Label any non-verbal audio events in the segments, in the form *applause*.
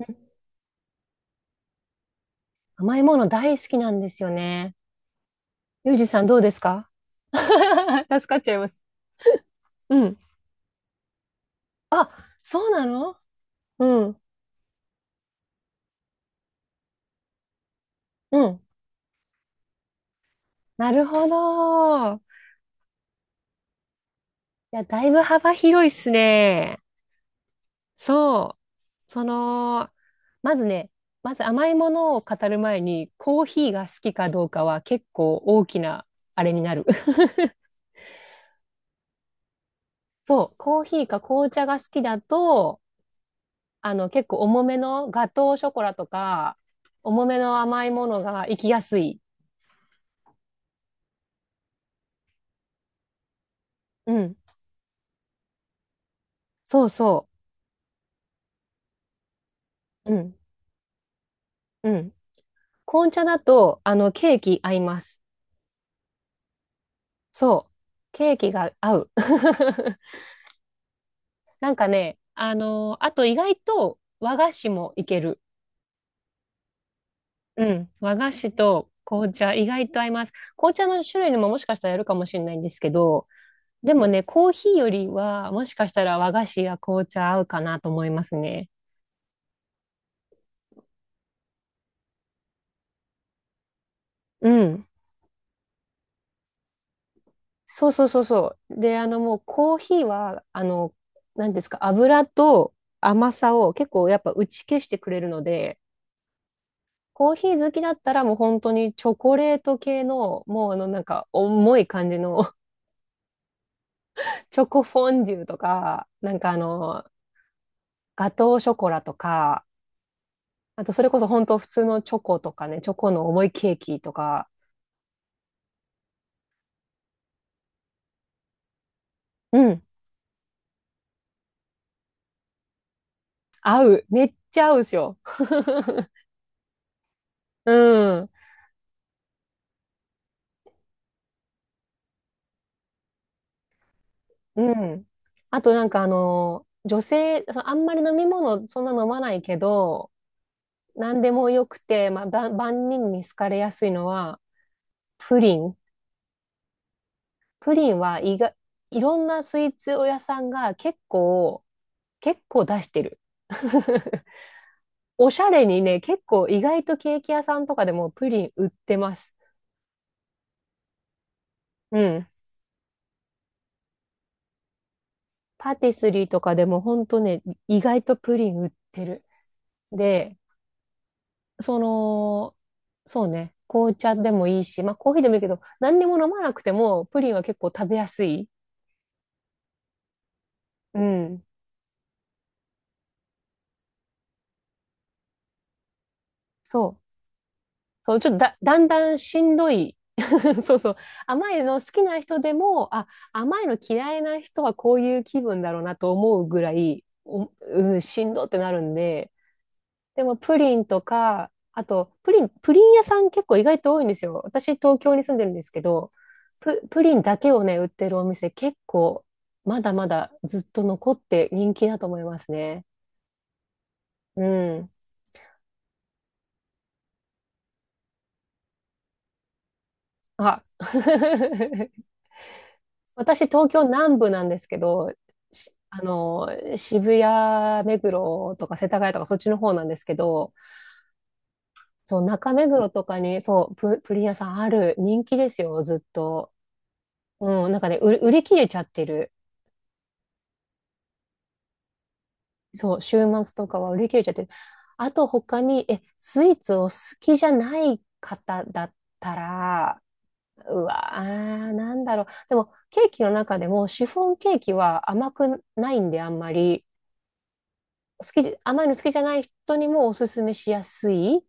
うん甘いもの大好きなんですよね。ゆうじさんどうですか？ *laughs* 助かっちゃいます。うん。あ、そうなの。うん。うん。なるほど。いや、だいぶ幅広いっすね。そう。まずね、まず甘いものを語る前に、コーヒーが好きかどうかは結構大きなあれになる。*laughs* そう。コーヒーか紅茶が好きだと、結構重めのガトーショコラとか、重めの甘いものが行きやすい。うん。そうそう。うん。うん。紅茶だと、ケーキ合います。そう。ケーキが合う。*laughs* あと意外と和菓子もいける。うん。和菓子と紅茶、意外と合います。紅茶の種類にももしかしたらやるかもしれないんですけど、でもね、コーヒーよりは、もしかしたら和菓子や紅茶合うかなと思いますね。うん。そうそうそうそう。で、もうコーヒーは、何ですか、油と甘さを結構やっぱ打ち消してくれるので、コーヒー好きだったらもう本当にチョコレート系の、もうなんか重い感じの *laughs* チョコフォンデュとか、ガトーショコラとか、あとそれこそ本当普通のチョコとかね、チョコの重いケーキとか、うん、合う。めっちゃ合うんですよ。うん。うん。あと女性、そのあんまり飲み物そんな飲まないけど、何でもよくて、まあ、万万人に好かれやすいのは、プリン。プリンは意外、いろんなスイーツ屋さんが結構出してる。*laughs* おしゃれにね、結構意外とケーキ屋さんとかでもプリン売ってます。うん。パティスリーとかでもほんとね、意外とプリン売ってる。で、その、そうね、紅茶でもいいし、まあコーヒーでもいいけど、何にも飲まなくてもプリンは結構食べやすい。うん。そう。そう、ちょっとだ、だんだんしんどい。*laughs* そうそう。甘いの好きな人でも、あ、甘いの嫌いな人はこういう気分だろうなと思うぐらい、お、うん、しんどってなるんで、でもプリンとか、あと、プリン、プリン屋さん結構意外と多いんですよ。私、東京に住んでるんですけど、プリンだけをね、売ってるお店結構、まだまだずっと残って人気だと思いますね。うん。あ、*laughs* 私、東京南部なんですけど、しあの、渋谷、目黒とか世田谷とかそっちの方なんですけど、そう、中目黒とかに、そう、プリン屋さんある人気ですよ、ずっと。うん、なんかね、売り切れちゃってる。そう、週末とかは売り切れちゃってる。あと他に、え、スイーツを好きじゃない方だったら、うわー、なんだろう。でも、ケーキの中でも、シフォンケーキは甘くないんで、あんまり。好きじ、甘いの好きじゃない人にもおすすめしやすい。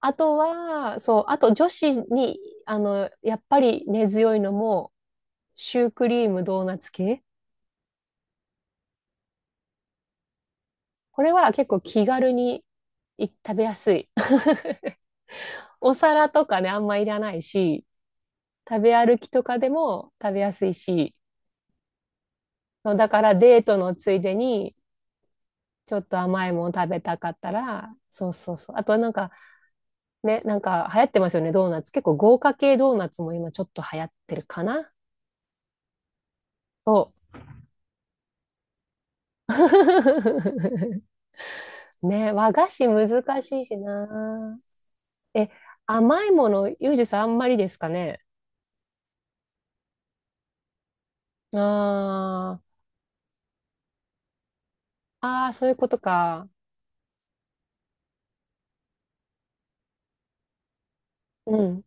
あとは、そう、あと女子に、やっぱり根強いのも、シュークリームドーナツ系。これは結構気軽に食べやすい。*laughs* お皿とかね、あんまいらないし、食べ歩きとかでも食べやすいし、だからデートのついでに、ちょっと甘いもの食べたかったら、そうそうそう。あとなんかね、なんか流行ってますよね、ドーナツ。結構豪華系ドーナツも今ちょっと流行ってるかな。そう。*laughs* ね、和菓子難しいしな。え、甘いもの、ユージさんあんまりですかね。あーあー、そういうことか。うん。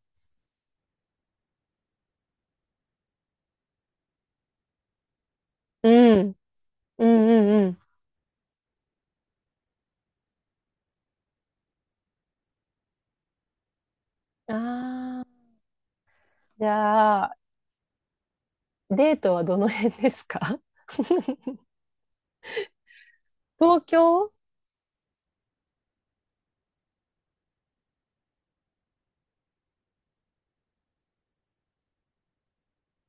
うん。うんうんうん。ああ、じゃあ、デートはどの辺ですか？ *laughs* 東京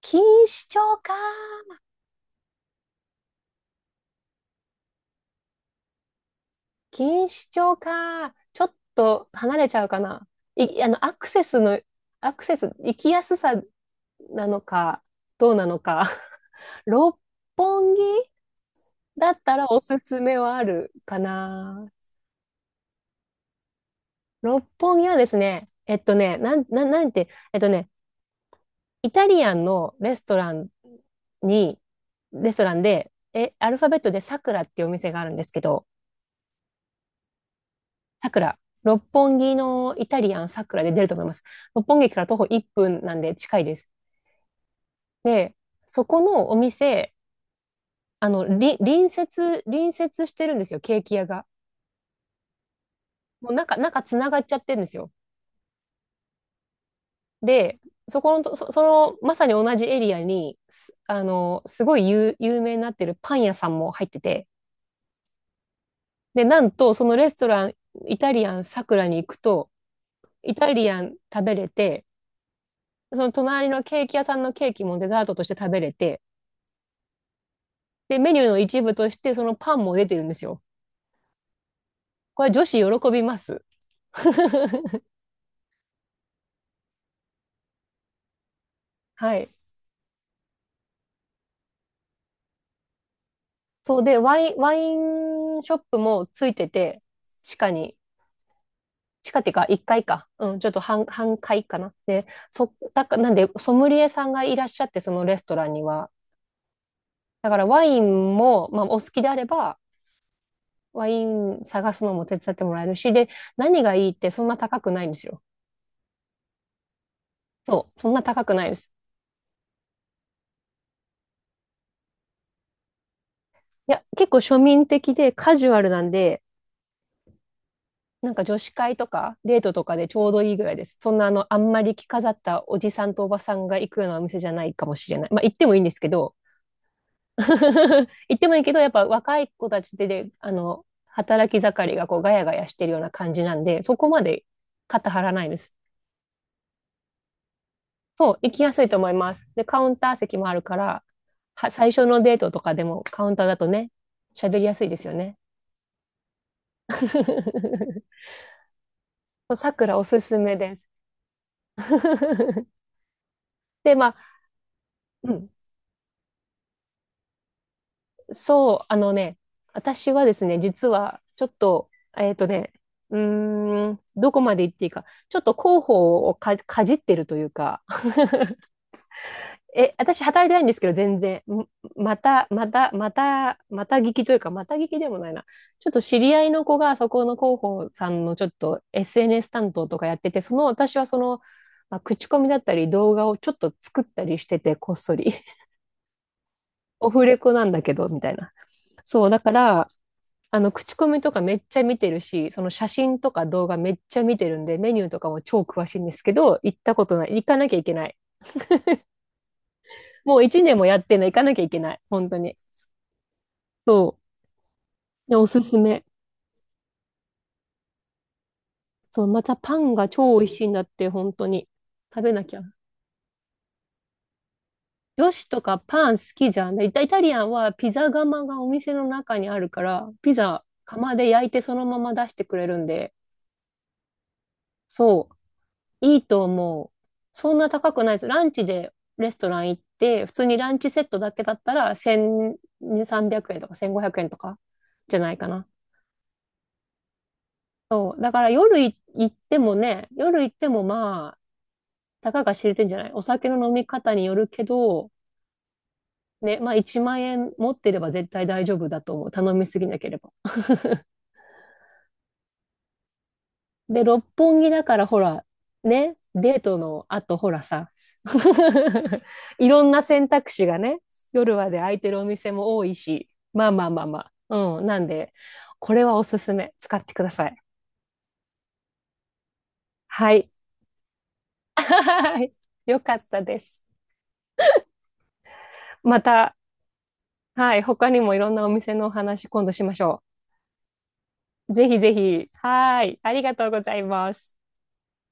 錦糸町か。錦糸町か。ちょっと離れちゃうかな。い、あの、アクセスの、アクセス、行きやすさなのか、どうなのか。*laughs* 六本木だったらおすすめはあるかな。六本木はですね、えっとね、なん、なん、なんて、えっとね、イタリアンのレストランに、レストランで、え、アルファベットでさくらっていうお店があるんですけど、さくら、六本木のイタリアンさくらで出ると思います。六本木駅から徒歩1分なんで近いです。で、そこのお店、あの、り隣接、隣接してるんですよ、ケーキ屋が。もう中つながっちゃってるんですよ。で、そこのと、そ、その、まさに同じエリアに、すあの、すごい有名になってるパン屋さんも入ってて、で、なんと、そのレストラン、イタリアンさくらに行くと、イタリアン食べれて、その隣のケーキ屋さんのケーキもデザートとして食べれて、で、メニューの一部としてそのパンも出てるんですよ。これ女子喜びます。*laughs* はい。そうで、ワインショップもついてて、地下に、地下っていうか1階かいか。うん、ちょっと半階かな。で、そ、だか、なんで、ソムリエさんがいらっしゃって、そのレストランには。だからワインも、まあ、お好きであれば、ワイン探すのも手伝ってもらえるし、で、何がいいってそんな高くないんですよ。そう、そんな高くないです。いや、結構庶民的でカジュアルなんで、なんか女子会とかデートとかでちょうどいいぐらいです。そんなあの、あんまり着飾ったおじさんとおばさんが行くようなお店じゃないかもしれない。まあ行ってもいいんですけど、*laughs* 行ってもいいけど、やっぱ若い子たちで、働き盛りがこうガヤガヤしてるような感じなんで、そこまで肩張らないです。そう、行きやすいと思います。で、カウンター席もあるから、最初のデートとかでもカウンターだとね、喋りやすいですよね。*laughs* そうさくらおすすめです。*laughs* で、まあ、うん、そう、あのね、私はですね、実は、ちょっと、えっとね、うーん、どこまで行っていいか、ちょっと広報をかじってるというか、え、私働いてないんですけど、全然。また、また、また、また聞きというか、また聞きでもないな。ちょっと知り合いの子が、そこの広報さんのちょっと SNS 担当とかやってて、その私はその、まあ、口コミだったり動画をちょっと作ったりしてて、こっそり。*laughs* オフレコなんだけど、みたいな。そう、だから、口コミとかめっちゃ見てるし、その写真とか動画めっちゃ見てるんで、メニューとかも超詳しいんですけど、行ったことない。行かなきゃいけない。もう一年もやってんの行かなきゃいけない。本当に。そう。で、おすすめ。そう、またパンが超美味しいんだって、本当に。食べなきゃ。女子とかパン好きじゃん。でイタリアンはピザ窯がお店の中にあるから、ピザ窯で焼いてそのまま出してくれるんで、そう、いいと思う。そんな高くないです。ランチでレストラン行って、普通にランチセットだけだったら1300円とか1500円とかじゃないかな。そう、だから夜行ってもね、夜行ってもまあ、たかが知れてんじゃないお酒の飲み方によるけど、ね、まあ1万円持ってれば絶対大丈夫だと思う。頼みすぎなければ。で、六本木だからほら、ね、デートの後ほらさ、*laughs* いろんな選択肢がね、夜まで空いてるお店も多いし、まあまあまあまあ。うん、なんで、これはおすすめ。使ってください。はい。*laughs* よかったです。また、はい、他にもいろんなお店のお話今度しましょう。ぜひぜひ。はーい。ありがとうございます。